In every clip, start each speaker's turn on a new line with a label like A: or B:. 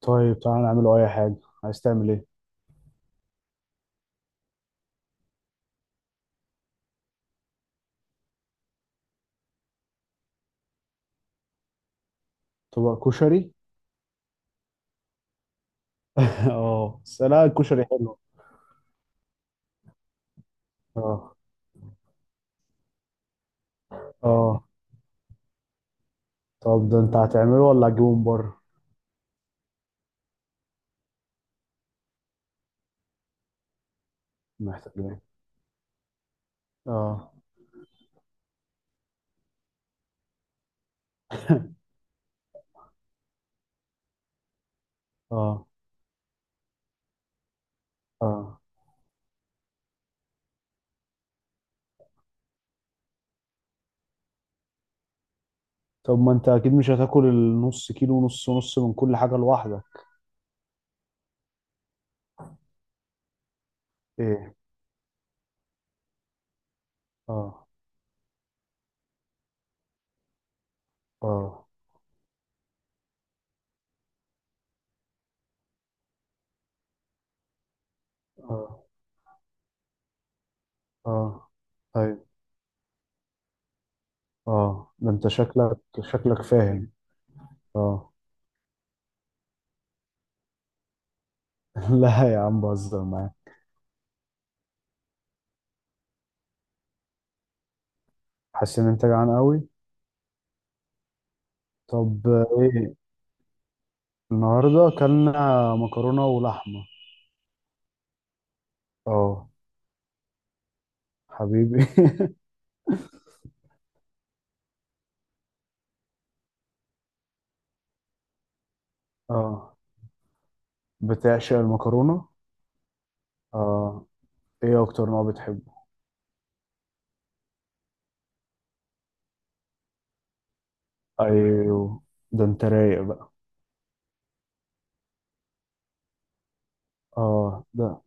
A: طيب، تعالى نعمله اي حاجه. عايز تعمل ايه؟ طبق كشري؟ اه، بس لا، الكشري حلو. اه، اه. طب ده انت هتعمله ولا هتجيبه من بره؟ محتاج ايه؟ اه. اه، اه. طب ما انت اكيد مش هتاكل النص كيلو ونص ونص من كل حاجه لوحدك؟ ايه؟ اه، اه، اه، اه. طيب. اه، ده انت شكلك شكلك فاهم. اه. لا يا عم، بهزر معاك. حاسس ان انت جعان قوي. طب. ايه؟ النهارده اكلنا مكرونه ولحمه. اه. حبيبي. اه، بتعشق المكرونه؟ اه. ايه اكتر نوع بتحبه؟ ايوه، ده انت رايق بقى. اه، ده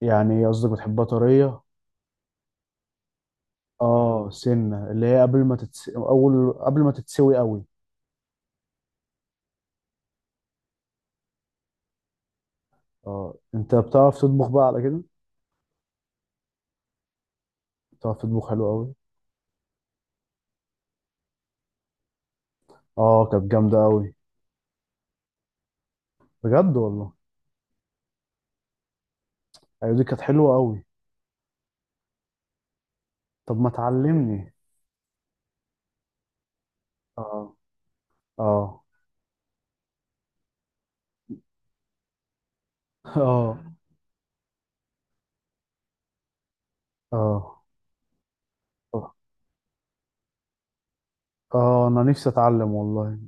A: يعني ايه قصدك؟ بتحبها طريه؟ اه، سنه اللي هي قبل ما تتس... اول، قبل ما تتسوي قوي. اه، انت بتعرف تطبخ بقى على كده؟ بتعرف تطبخ حلو قوي؟ اه، كانت جامده قوي. بجد والله؟ ايوه، دي كانت حلوه قوي. طب ما تعلمني. اه، اه. اه، اه، اه، انا نفسي اتعلم والله.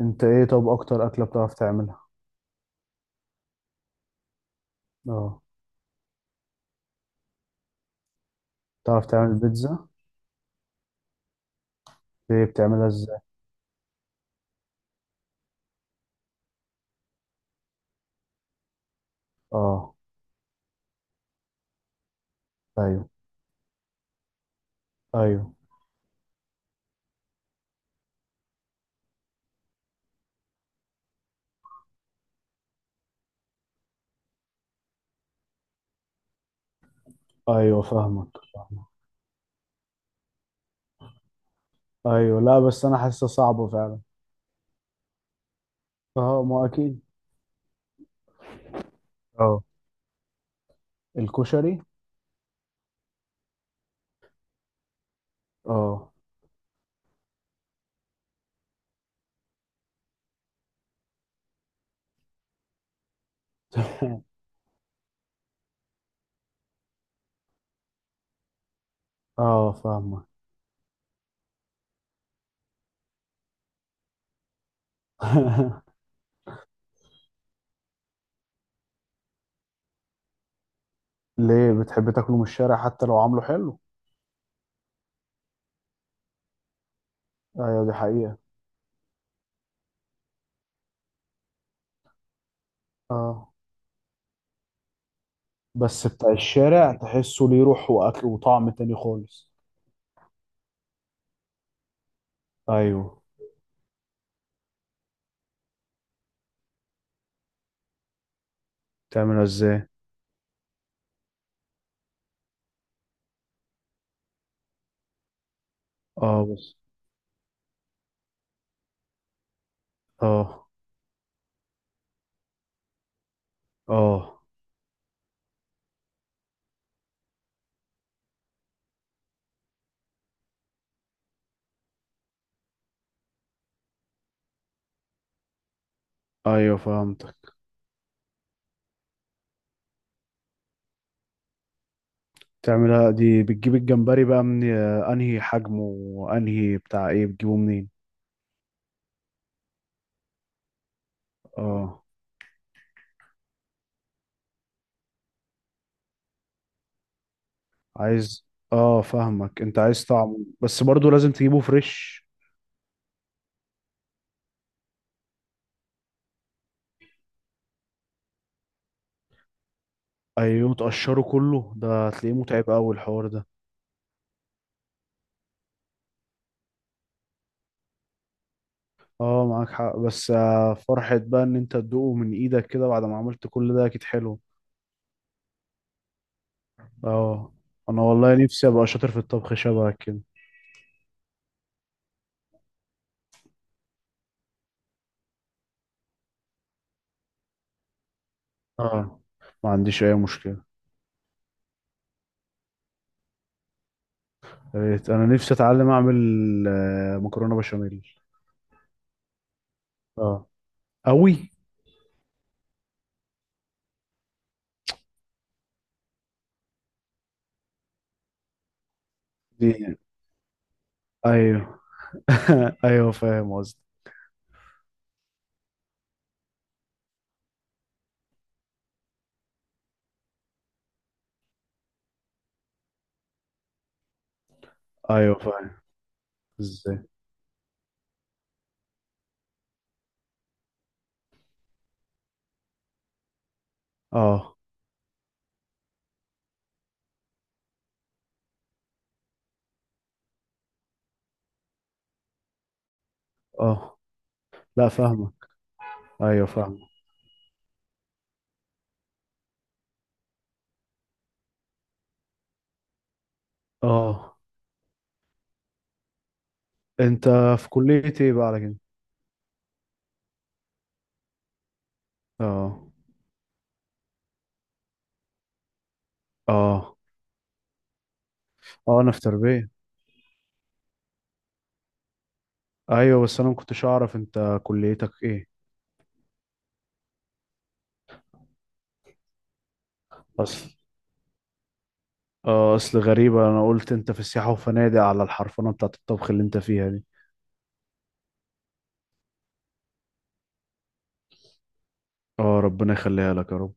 A: انت ايه؟ طب اكتر اكلة بتعرف تعملها؟ اه، بتعرف تعمل بيتزا؟ ايه، بتعملها ازاي؟ اه، ايوه، ايوه. ايوه فاهمك. فاهمك. ايوه، لا، بس انا حاسسها صعبة فعلا. اه، ما اكيد. اه. الكشري. اه. اه، فاهمك. ليه بتحب تاكله من الشارع حتى لو عامله حلو؟ ايوه، دي حقيقة. اه بس، بتاع الشارع تحسه ليه روح واكل وطعم تاني خالص. ايوه، تعملها ازاي؟ اه بس. اه، اه. ايوه فهمتك. تعملها دي بتجيب الجمبري بقى من انهي حجمه وانهي بتاع ايه بتجيبه منين؟ اه، عايز. اه فاهمك، انت عايز طعمه بس برضو لازم تجيبه فريش. ايوه تقشره كله؟ ده هتلاقيه متعب قوي الحوار ده. اه معاك حق، بس فرحة بقى ان انت تدوقه من ايدك كده بعد ما عملت كل ده اكيد حلو. اه، انا والله نفسي ابقى شاطر في الطبخ شبهك كده. اه، ما عنديش اي مشكلة. يا ريت، انا نفسي اتعلم اعمل مكرونه بشاميل. اه، قوي. دي. ايوه. ايوه فاهم قصدي. ايوه فاهم. ازاي؟ اه، اه، لا فاهمك. ايوه فاهمك. اه. انت في كليه ايه بقى على كده؟ اه، اه، اه، انا في تربيه. ايوه بس، انا ما كنتش اعرف انت كليتك ايه. اصل اه اصل غريبه، انا قلت انت في السياحه وفنادق على الحرفنه بتاعت الطبخ اللي انت فيها دي. اه، ربنا يخليها لك يا رب.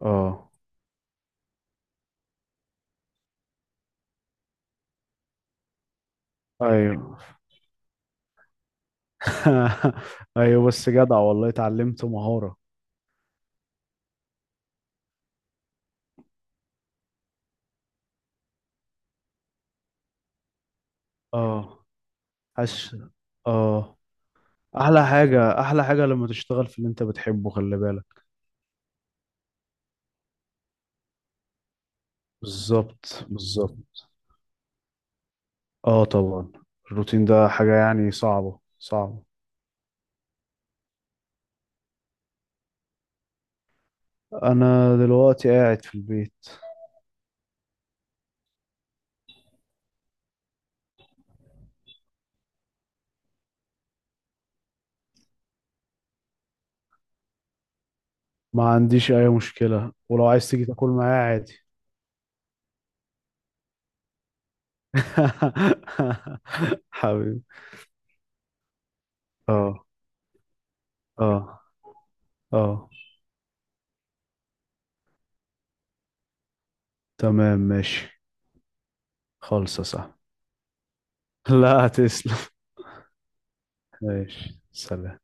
A: اه، ايوه. ايوه بس، جدع والله اتعلمت مهارة. اه، حش، اه. احلى حاجة، احلى حاجة لما تشتغل في اللي انت بتحبه، خلي بالك. بالظبط، بالظبط. اه طبعا. الروتين ده حاجة يعني صعبة صعبة. انا دلوقتي قاعد في البيت. ما عنديش اي مشكلة، ولو عايز تيجي تاكل معايا عادي. حبيبي. اه، اه، اه. تمام ماشي. خالصة صح. لا، تسلم. ماشي، سلام.